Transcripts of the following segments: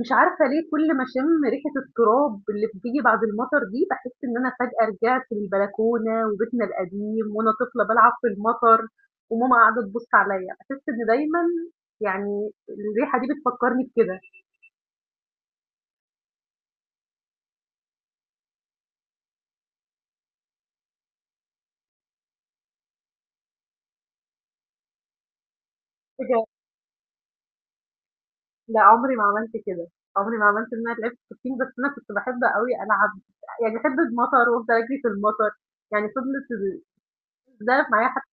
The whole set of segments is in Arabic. مش عارفة ليه كل ما أشم ريحة التراب اللي بتيجي بعد المطر دي بحس إن أنا فجأة رجعت للبلكونة وبيتنا القديم وأنا طفلة بلعب في المطر وماما قاعدة تبص عليا بحس إن دايما يعني الريحة دي بتفكرني بكده. حاجة- لا عمري ما عملت كده. عمري ما عملت إن أنا لعبت سكين، بس أنا كنت بحب قوي ألعب، يعني بحب المطر وأفضل أجري في المطر، يعني فضلت ده معايا حتى.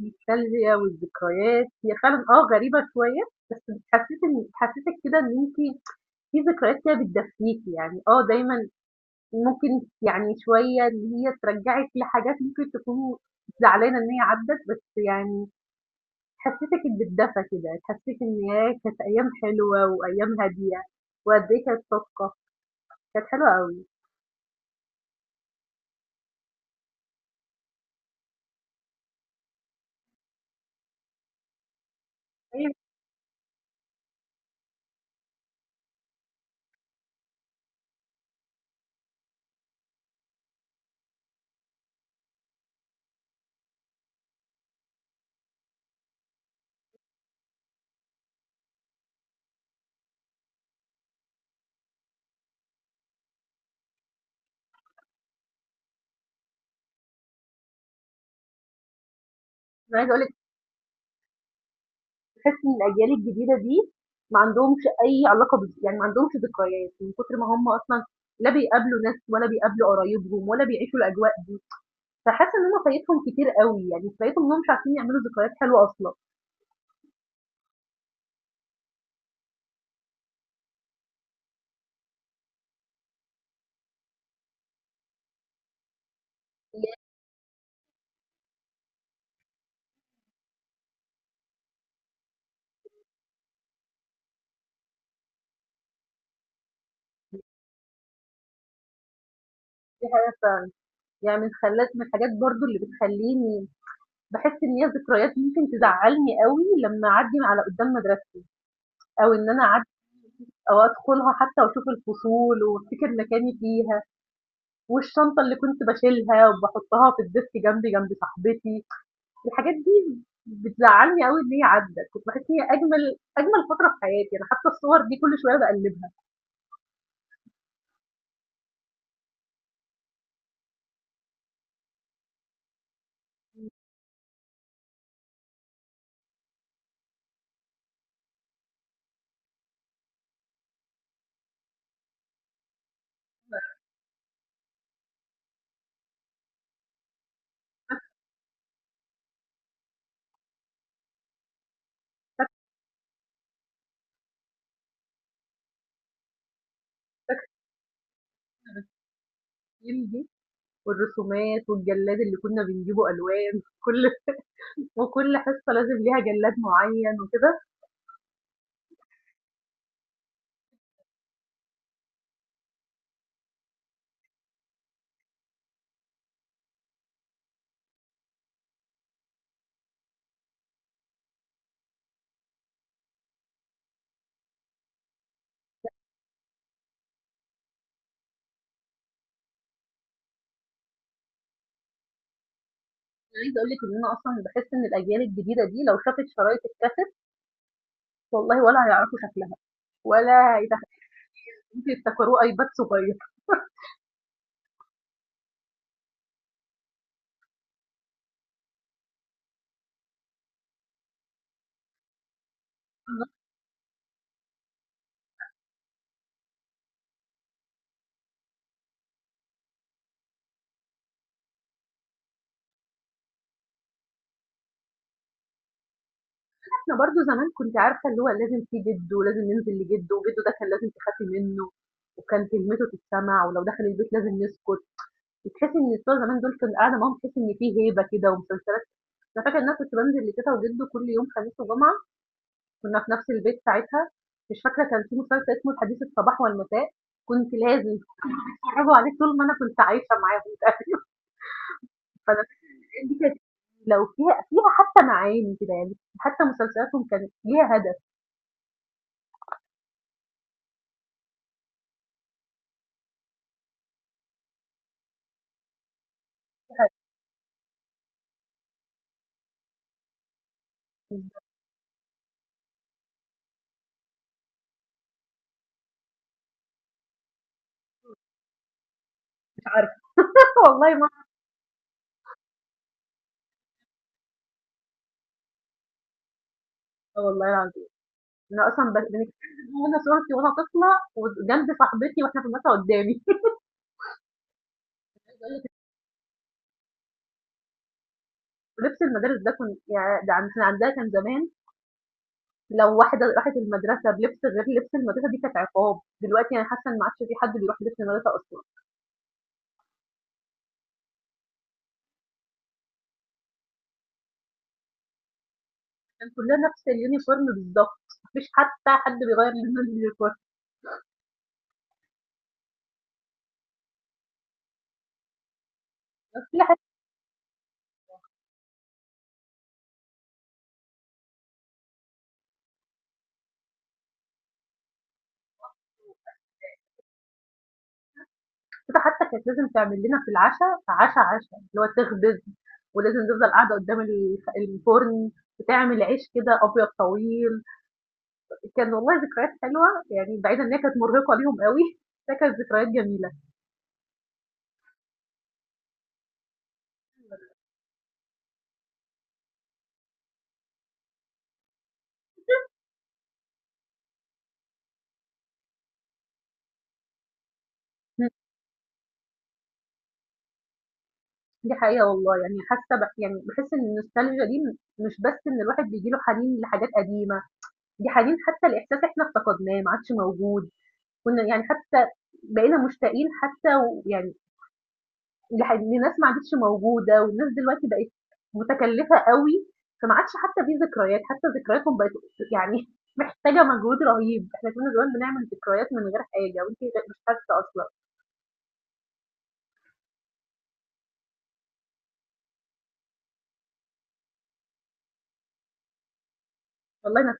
النوستالجيا والذكريات هي فعلا غريبة شوية، بس بتحسسك كده إن أنتي في ذكريات كده بتدفّيكِ، يعني، آه دايمًا ممكن، يعني شوية إن هي ترجّعِك لحاجات ممكن تكونوا زعلانة إن هي عدّت، بس يعني تحسّسِك بِالدفى كده، تحسّسِك إن ياه! كانت أيام حلوة وأيام هادية وقد إيه كانت صادقة، كانت حلوة أوي. أيوه، أنا عايزة أقول لِك تحسّي إن الأجيال الجديدة دي ما عندهمش أي علاقة بال، ما عندهمش ذكريات، من كتر ما هم أصلًا لا بيقابلوا ناس ولا بيقابلوا قرايبهم ولا بيعيشوا الأجواء. فحاسة إن أنا فايتهم كتير أوي، يعني فايتهم إنهم مش عارفين يعملوا ذكريات حلوة أصلًا. هي دي حاجة ف، يعني من خلّت من الحاجات برضه اللي بتخلّيني باحس إن هي ذكريات ممكن تزعّلني أوي لمّا أعدّي من على قدّام مدرستي، أو إن أنا أعدّي أو أدخلها حتى وأشوف الفصول وأفتكر مكاني فيها، والشنطة اللي كنت باشيلها وباحطها في الديسك جنبي جنب صاحبتي. الحاجات دي بتزعّلني أوي إن هي عدّت، كنت باحس إن هي أجمل أجمل فترة في حياتي، أنا حتى الصور دي كل شوية باقلّبها، والرسومات والجلاد اللي كنا بنجيبه ألوان. كل وكل حصة لازم ليها جلاد معين وكده. أنا عايزة أقول لِك إن أنا أصلًا باحس إن الأجيال الجديدة دي لو شافت شرايط الكاسيت، والله ولا هيعرفوا شكلها ولا ممكن يفتكروه أيباد صغير. إنما إحنا برضه زمان كنتِ عارفة اللي هو لازم في جد، ولازم ننزل لجد، وجده ده كان لازم تخافي منه، وكان كلمته تتسمع، ولو دخل البيت لازم نسكت. بتحسي إن بتوع زمان دول كان قاعدة معاهم تحسي إن في هيبة كده ومسلسلات. أنا فاكرة إن أنا كنت بانزل لتيتة وجده كل يوم خميس وجمعة، كنا في نفس البيت ساعتها. مش فاكرة، كان في مسلسل اسمه الحديث الصباح والمساء، كنت لازم يتفرّجوا عليه طول ما أنا كنت عايشة معاهم تقريبًا. فأنا الحاجات دي كانت لو فيها حتى معاني كده، يعني حتى مسلسلاتهم كانت ليها هدف. مش عارفة والله ما، آه والله العظيم، أنا أصلًا بنتكلم وأنا صورتي وأنا طفلة وجنب صاحبتي وإحنا في المدرسة قدّامي. لبس المدارس ده كن ياه ده عن كان عندنا عندها كان زمان، لو واحدة راحت المدرسة بلبس غير لبس المدرسة دي كانت عقاب. دلوقتي أنا حاسة إن ما عادش في حد بيروح لبس المدرسة أصلًا، كان كلنا نفس اليونيفورم بالضبط، ما فيش حتى حد بيغيّر لون اليونيفورم، كل حتة. حتى كانت لازم تعمل لنا في العشا عشا، اللي هو تخبز ولازم تفضل قاعدة قدّام الفرن، وتعمل عيش كده أبيض طويل. كان والله ذكريات حلوة، يعني بعيد إن هي كانت مرهقة ليهم أوي، بس هي كانت ذكريات جميلة. دي حقيقة والله، يعني حاسة يعني بحس إن النوستالجيا دي مش بس إن الواحد بيجيله حنين لحاجات قديمة، دي حنين حتى الإحساس إحنا افتقدناه ما عادش موجود. كنا يعني حتى بقينا مشتاقين حتى يعني لناس ما عادتش موجودة، والناس دلوقتي بقت متكلفة قوي، فما عادش حتى في ذكريات، حتى ذكرياتهم بقت يعني محتاجة مجهود رهيب. إحنا كنا زمان بنعمل ذكريات من غير حاجة وأنت مش حاسة أصلا. والله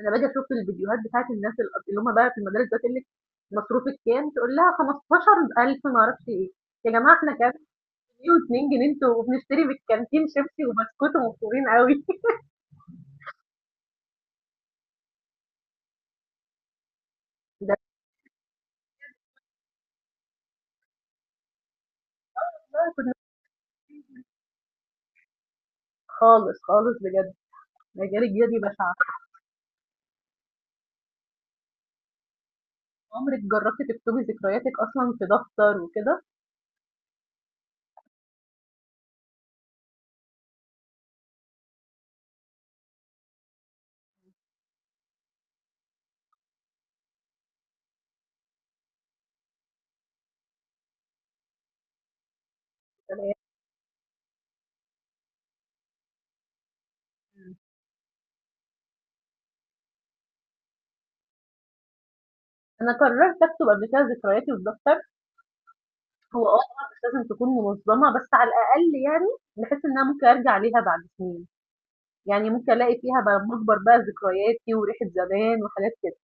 أنا باجي أشوف الفيديوهات بتاعة الناس اللي هم بقى في المدارس دلوقتي تقول لِك مصروفِك كام، تقول لها 15.000 ما أعرفش إيه. يا جماعة إحنا كام جنيه و2 جنيه أنتم، وبنشتري من الكانتين شيبسي وبسكوت ومبسوطين أوي. ده إحنا كنا خالص، خالص بجد. الأجيال الجديدة دي بشعة. عمرِك جربتِ تكتبي ذكرياتِك أصلًا في دفتر وكده؟ تمام، أنا قررت أكتب قبل كده ذكرياتي في دفتر. هو آه طبعًا مش لازم تكون منظمة، بس على الأقل يعني باحس إن أنا ممكن أرجع ليها بعد سنين. يعني ممكن ألاقي فيها بقى مجبر بقى ذكرياتي وريحة زمان وحاجات كده.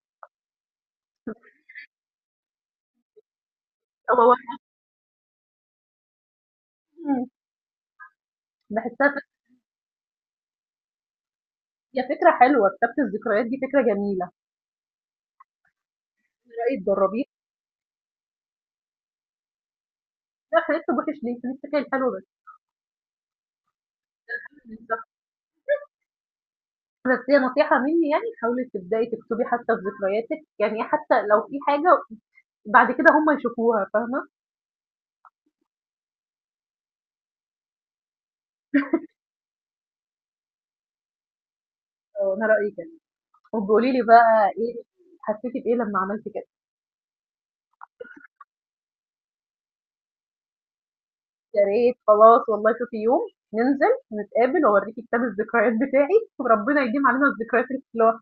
هو إمم، باحسها ف هي فكرة حلوة، كتابة الذكريات دي فكرة جميلة. إيه رأيِك تجربيها؟ لأ إحنا نكتب وِحِش ليه؟ نفتكر الحلو بس. بالضبط، بس هي نصيحة مني، يعني حاولي تبدئي تكتبي حتى في ذكرياتِك، يعني حتى لو في حاجة بعد كده هم يشوفوها فاهمة. آه، أنا رأيي كده. وبقولي لي بقى إيه حسيتِ بإيه لمّا عملتِ كده؟ يا ريت، خلاص والله شوفي يوم ننزل نتقابل وأوريكِ كتاب الذكريات بتاعي، وربنا يديم علينا الذكريات الحلوة.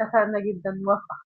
اتفقنا جداً. وافقت.